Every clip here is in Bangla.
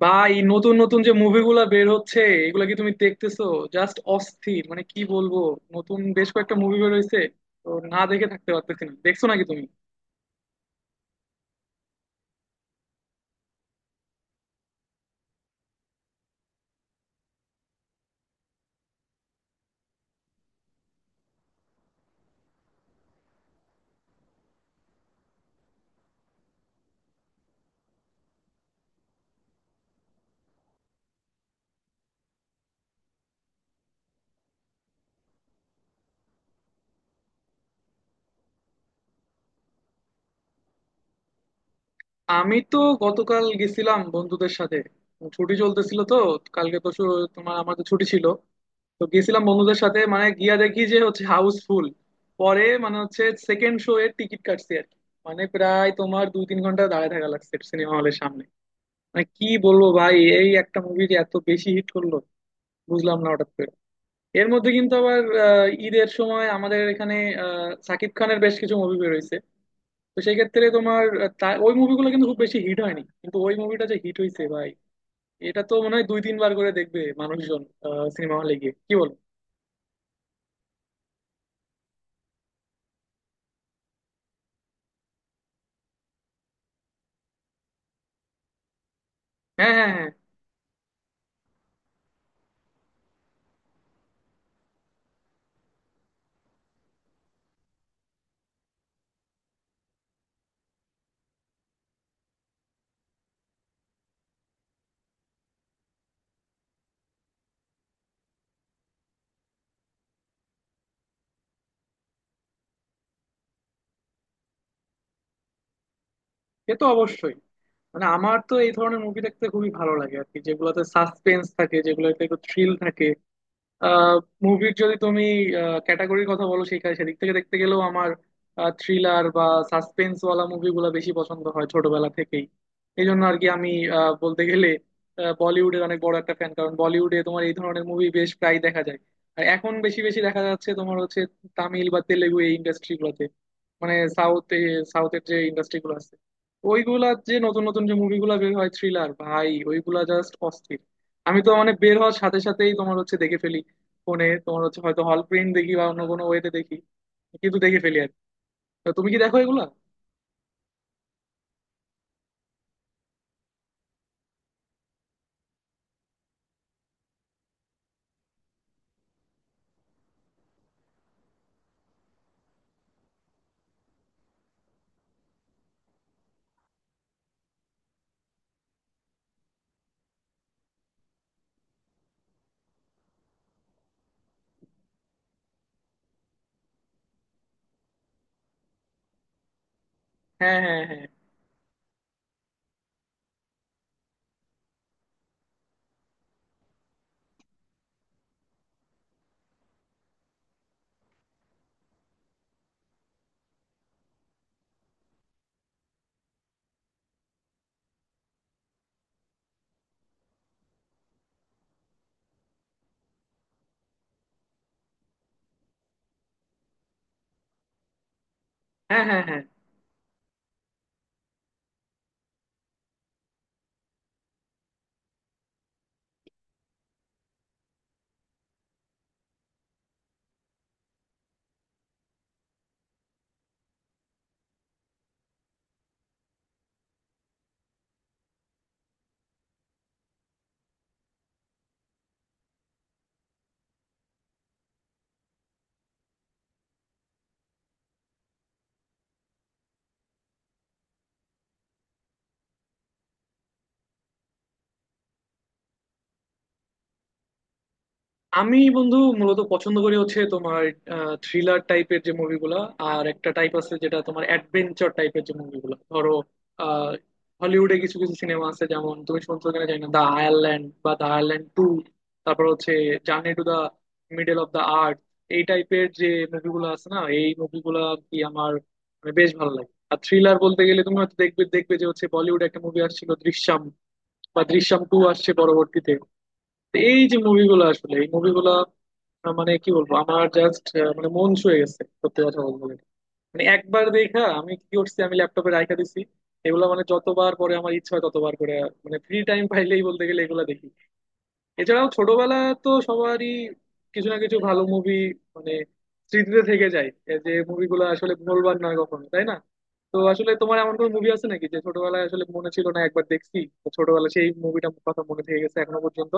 বা এই নতুন নতুন যে মুভিগুলা বের হচ্ছে, এগুলা কি তুমি দেখতেছো? জাস্ট অস্থির, কি বলবো। নতুন বেশ কয়েকটা মুভি বের হয়েছে, তো না দেখে থাকতে পারতেছি না। দেখছো নাকি তুমি? আমি তো গতকাল গেছিলাম বন্ধুদের সাথে। ছুটি চলতেছিল তো, কালকে তো শু- তোমার আমাদের ছুটি ছিল। তো গেছিলাম বন্ধুদের সাথে, গিয়া দেখি যে হচ্ছে হাউসফুল। পরে মানে হচ্ছে সেকেন্ড শো এর টিকিট কাটছি আর কি। প্রায় তোমার দুই তিন ঘন্টা দাঁড়ায় থাকা লাগছে সিনেমা হলের সামনে। কি বলবো ভাই, এই একটা মুভি যে এত বেশি হিট করলো বুঝলাম না হঠাৎ করে। এর মধ্যে কিন্তু আবার ঈদের সময় আমাদের এখানে সাকিব খানের বেশ কিছু মুভি বেরোইছে। তো সেই ক্ষেত্রে তোমার ওই মুভিগুলো কিন্তু খুব বেশি হিট হয়নি, কিন্তু ওই মুভিটা যে হিট হয়েছে ভাই, এটা তো মনে হয় দুই তিনবার করে দেখবে মানুষজন সিনেমা হলে গিয়ে। কি বলো? হ্যাঁ, হ্যাঁ, হ্যাঁ। সে তো অবশ্যই। আমার তো এই ধরনের মুভি দেখতে খুবই ভালো লাগে আর কি, যেগুলোতে সাসপেন্স থাকে, যেগুলোতে একটু থ্রিল থাকে। মুভির যদি তুমি ক্যাটাগরির কথা বলো, সেখানে সেদিক থেকে দেখতে গেলেও আমার থ্রিলার বা সাসপেন্স ওয়ালা মুভিগুলো বেশি পছন্দ হয় ছোটবেলা থেকেই। এই জন্য আর কি আমি বলতে গেলে বলিউডের অনেক বড় একটা ফ্যান, কারণ বলিউডে তোমার এই ধরনের মুভি বেশ প্রায় দেখা যায়। আর এখন বেশি বেশি দেখা যাচ্ছে তোমার হচ্ছে তামিল বা তেলেগু এই ইন্ডাস্ট্রি গুলোতে। মানে সাউথ সাউথের যে ইন্ডাস্ট্রি গুলো আছে, ওইগুলার যে নতুন নতুন যে মুভিগুলো বের হয় থ্রিলার, ভাই ওইগুলা জাস্ট অস্থির। আমি তো বের হওয়ার সাথে সাথেই তোমার হচ্ছে দেখে ফেলি। ফোনে তোমার হচ্ছে হয়তো হল প্রিন্ট দেখি বা অন্য কোনো ওয়েতে দেখি, কিন্তু দেখে ফেলি আর কি। তো তুমি কি দেখো এগুলা? হ্যাঁ, হ্যাঁ, হ্যাঁ। হ্যাঁ, হ্যাঁ, হ্যাঁ। আমি বন্ধু মূলত পছন্দ করি হচ্ছে তোমার থ্রিলার টাইপের যে মুভিগুলা। আর একটা টাইপ আছে যেটা তোমার অ্যাডভেঞ্চার টাইপের যে মুভিগুলা, ধরো আহ, হলিউডে কিছু কিছু সিনেমা আছে, যেমন তুমি শুনছো কিনা জানি না, দা আয়ারল্যান্ড বা দা আয়ারল্যান্ড টু। তারপর হচ্ছে journey to the middle of the earth. এই টাইপের যে মুভিগুলো আছে না, এই মুভিগুলা কি আমার বেশ ভালো লাগে। আর থ্রিলার বলতে গেলে তুমি হয়তো দেখবে দেখবে যে হচ্ছে বলিউডে একটা মুভি আসছিল দৃশ্যম, বা দৃশ্যম টু আসছে পরবর্তীতে। এই যে মুভিগুলো আসলে, এই মুভিগুলা আহ, মানে কি বলবো, আমার জাস্ট মন ছুঁয়ে গেছে সত্যি কথা বলতে গেলে। একবার দেখা আমি কি করছি, আমি ল্যাপটপে রাখা দিছি। এগুলো যতবার পরে আমার ইচ্ছা হয় ততবার করে, ফ্রি টাইম পাইলেই বলতে গেলে এগুলা দেখি। এছাড়াও ছোটবেলা তো সবারই কিছু না কিছু ভালো মুভি মানে স্মৃতিতে থেকে যায়। এই যে মুভিগুলো আসলে ভুলবার নয় কখনো, তাই না? তো আসলে তোমার এমন কোনো মুভি আছে নাকি যে ছোটবেলায় আসলে মনে ছিল না একবার দেখছি, তো ছোটবেলায় সেই মুভিটা কথা মনে থেকে গেছে এখনো পর্যন্ত?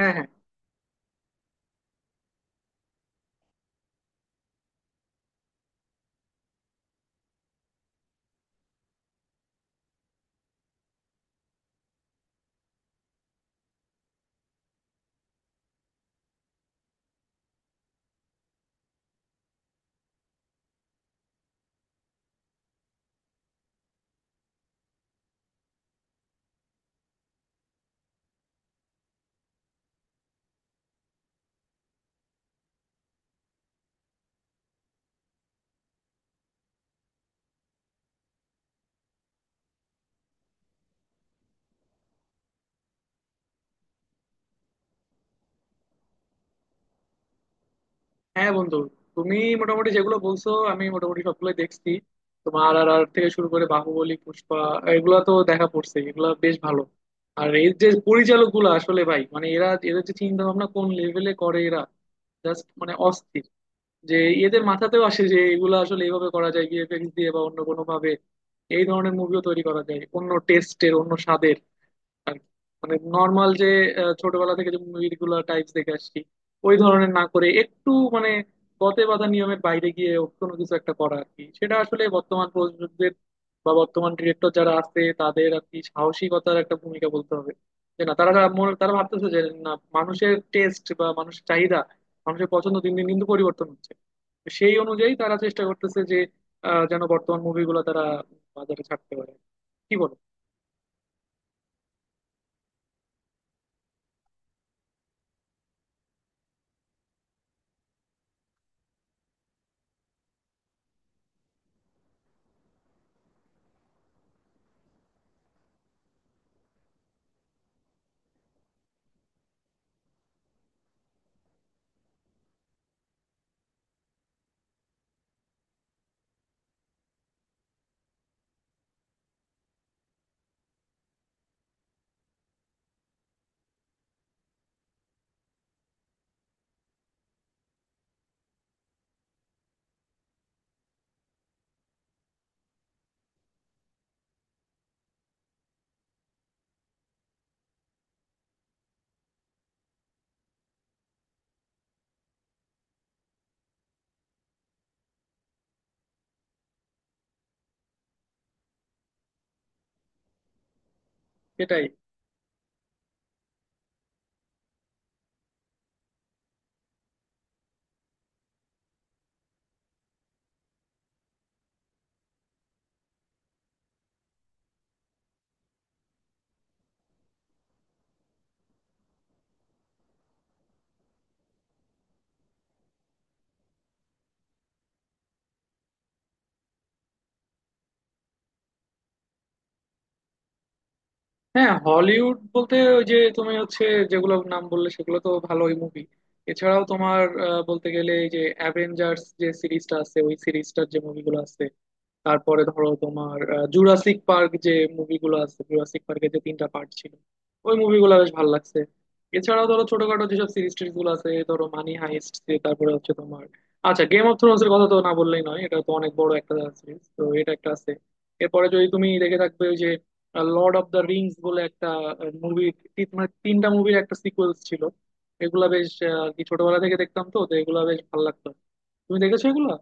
হ্যাঁ, হ্যাঁ, হ্যাঁ। বন্ধু তুমি মোটামুটি যেগুলো বলছো আমি মোটামুটি সবগুলোই দেখছি। তোমার আর আর থেকে শুরু করে বাহুবলী, পুষ্পা, এগুলা তো দেখা পড়ছে। এগুলা বেশ ভালো। আর এই যে পরিচালক গুলো আসলে ভাই, এরা এদের যে চিন্তা ভাবনা কোন লেভেলে করে এরা, জাস্ট অস্থির যে এদের মাথাতেও আসে যে এগুলো আসলে এইভাবে করা যায় ভিএফএক্স দিয়ে বা অন্য কোনো ভাবে। এই ধরনের মুভিও তৈরি করা যায় অন্য টেস্টের অন্য স্বাদের আর কি। নর্মাল যে ছোটবেলা থেকে যে মুভিগুলো টাইপস দেখে আসছি ওই ধরনের না করে একটু মানে গতে বাঁধা নিয়মের বাইরে গিয়ে কোনো কিছু একটা করা আর কি, সেটা আসলে বর্তমান প্রযোজকদের বা বর্তমান ডিরেক্টর যারা আছে তাদের আর কি সাহসিকতার একটা ভূমিকা বলতে হবে। যে না, তারা তারা ভাবতেছে যে না, মানুষের টেস্ট বা মানুষের চাহিদা, মানুষের পছন্দ দিন দিন কিন্তু পরিবর্তন হচ্ছে। তো সেই অনুযায়ী তারা চেষ্টা করতেছে যে যেন বর্তমান মুভিগুলো তারা বাজারে ছাড়তে পারে। কি বলো? সেটাই। হ্যাঁ, হলিউড বলতে ওই যে তুমি হচ্ছে যেগুলো নাম বললে সেগুলো তো ভালোই মুভি। এছাড়াও তোমার বলতে গেলে এই যে অ্যাভেঞ্জার্স যে সিরিজটা আছে ওই সিরিজটার যে মুভিগুলো আছে, তারপরে ধরো তোমার জুরাসিক পার্ক যে মুভিগুলো আছে, জুরাসিক পার্কের যে তিনটা পার্ট ছিল, ওই মুভিগুলো বেশ ভালো লাগছে। এছাড়াও ধরো ছোটখাটো যেসব সিরিজ টিরিজ গুলো আছে, এই ধরো মানি হাইস্ট। তারপরে হচ্ছে তোমার, আচ্ছা গেম অফ থ্রোনস এর কথা তো না বললেই নয়, এটা তো অনেক বড় একটা সিরিজ, তো এটা একটা আছে। এরপরে যদি তুমি দেখে থাকবে ওই যে লর্ড অফ দ্য রিংস বলে একটা মুভি, তিনটা মুভির একটা সিকোয়েলস ছিল। এগুলা বেশ আর কি ছোটবেলা থেকে দেখতাম তো, তো এগুলা বেশ ভালো লাগতো। তুমি দেখেছো এগুলা?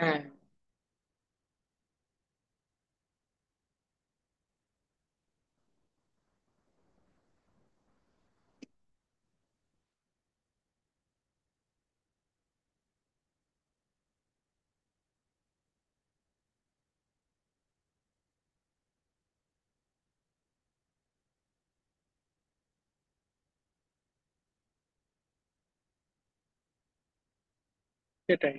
হ্যাঁ। সেটাই।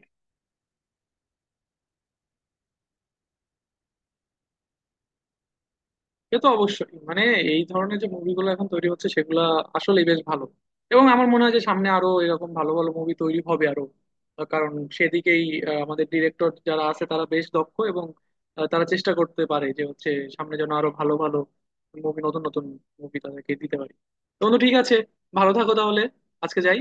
সে তো অবশ্যই। এই ধরনের যে মুভিগুলো এখন তৈরি হচ্ছে সেগুলা আসলে বেশ ভালো। এবং আমার মনে হয় যে সামনে আরো এরকম ভালো ভালো মুভি তৈরি হবে আরো কারণ সেদিকেই আমাদের ডিরেক্টর যারা আছে তারা বেশ দক্ষ, এবং তারা চেষ্টা করতে পারে যে হচ্ছে সামনে যেন আরো ভালো ভালো মুভি, নতুন নতুন মুভি তাদেরকে দিতে পারি। তো বন্ধু ঠিক আছে, ভালো থাকো তাহলে। আজকে যাই।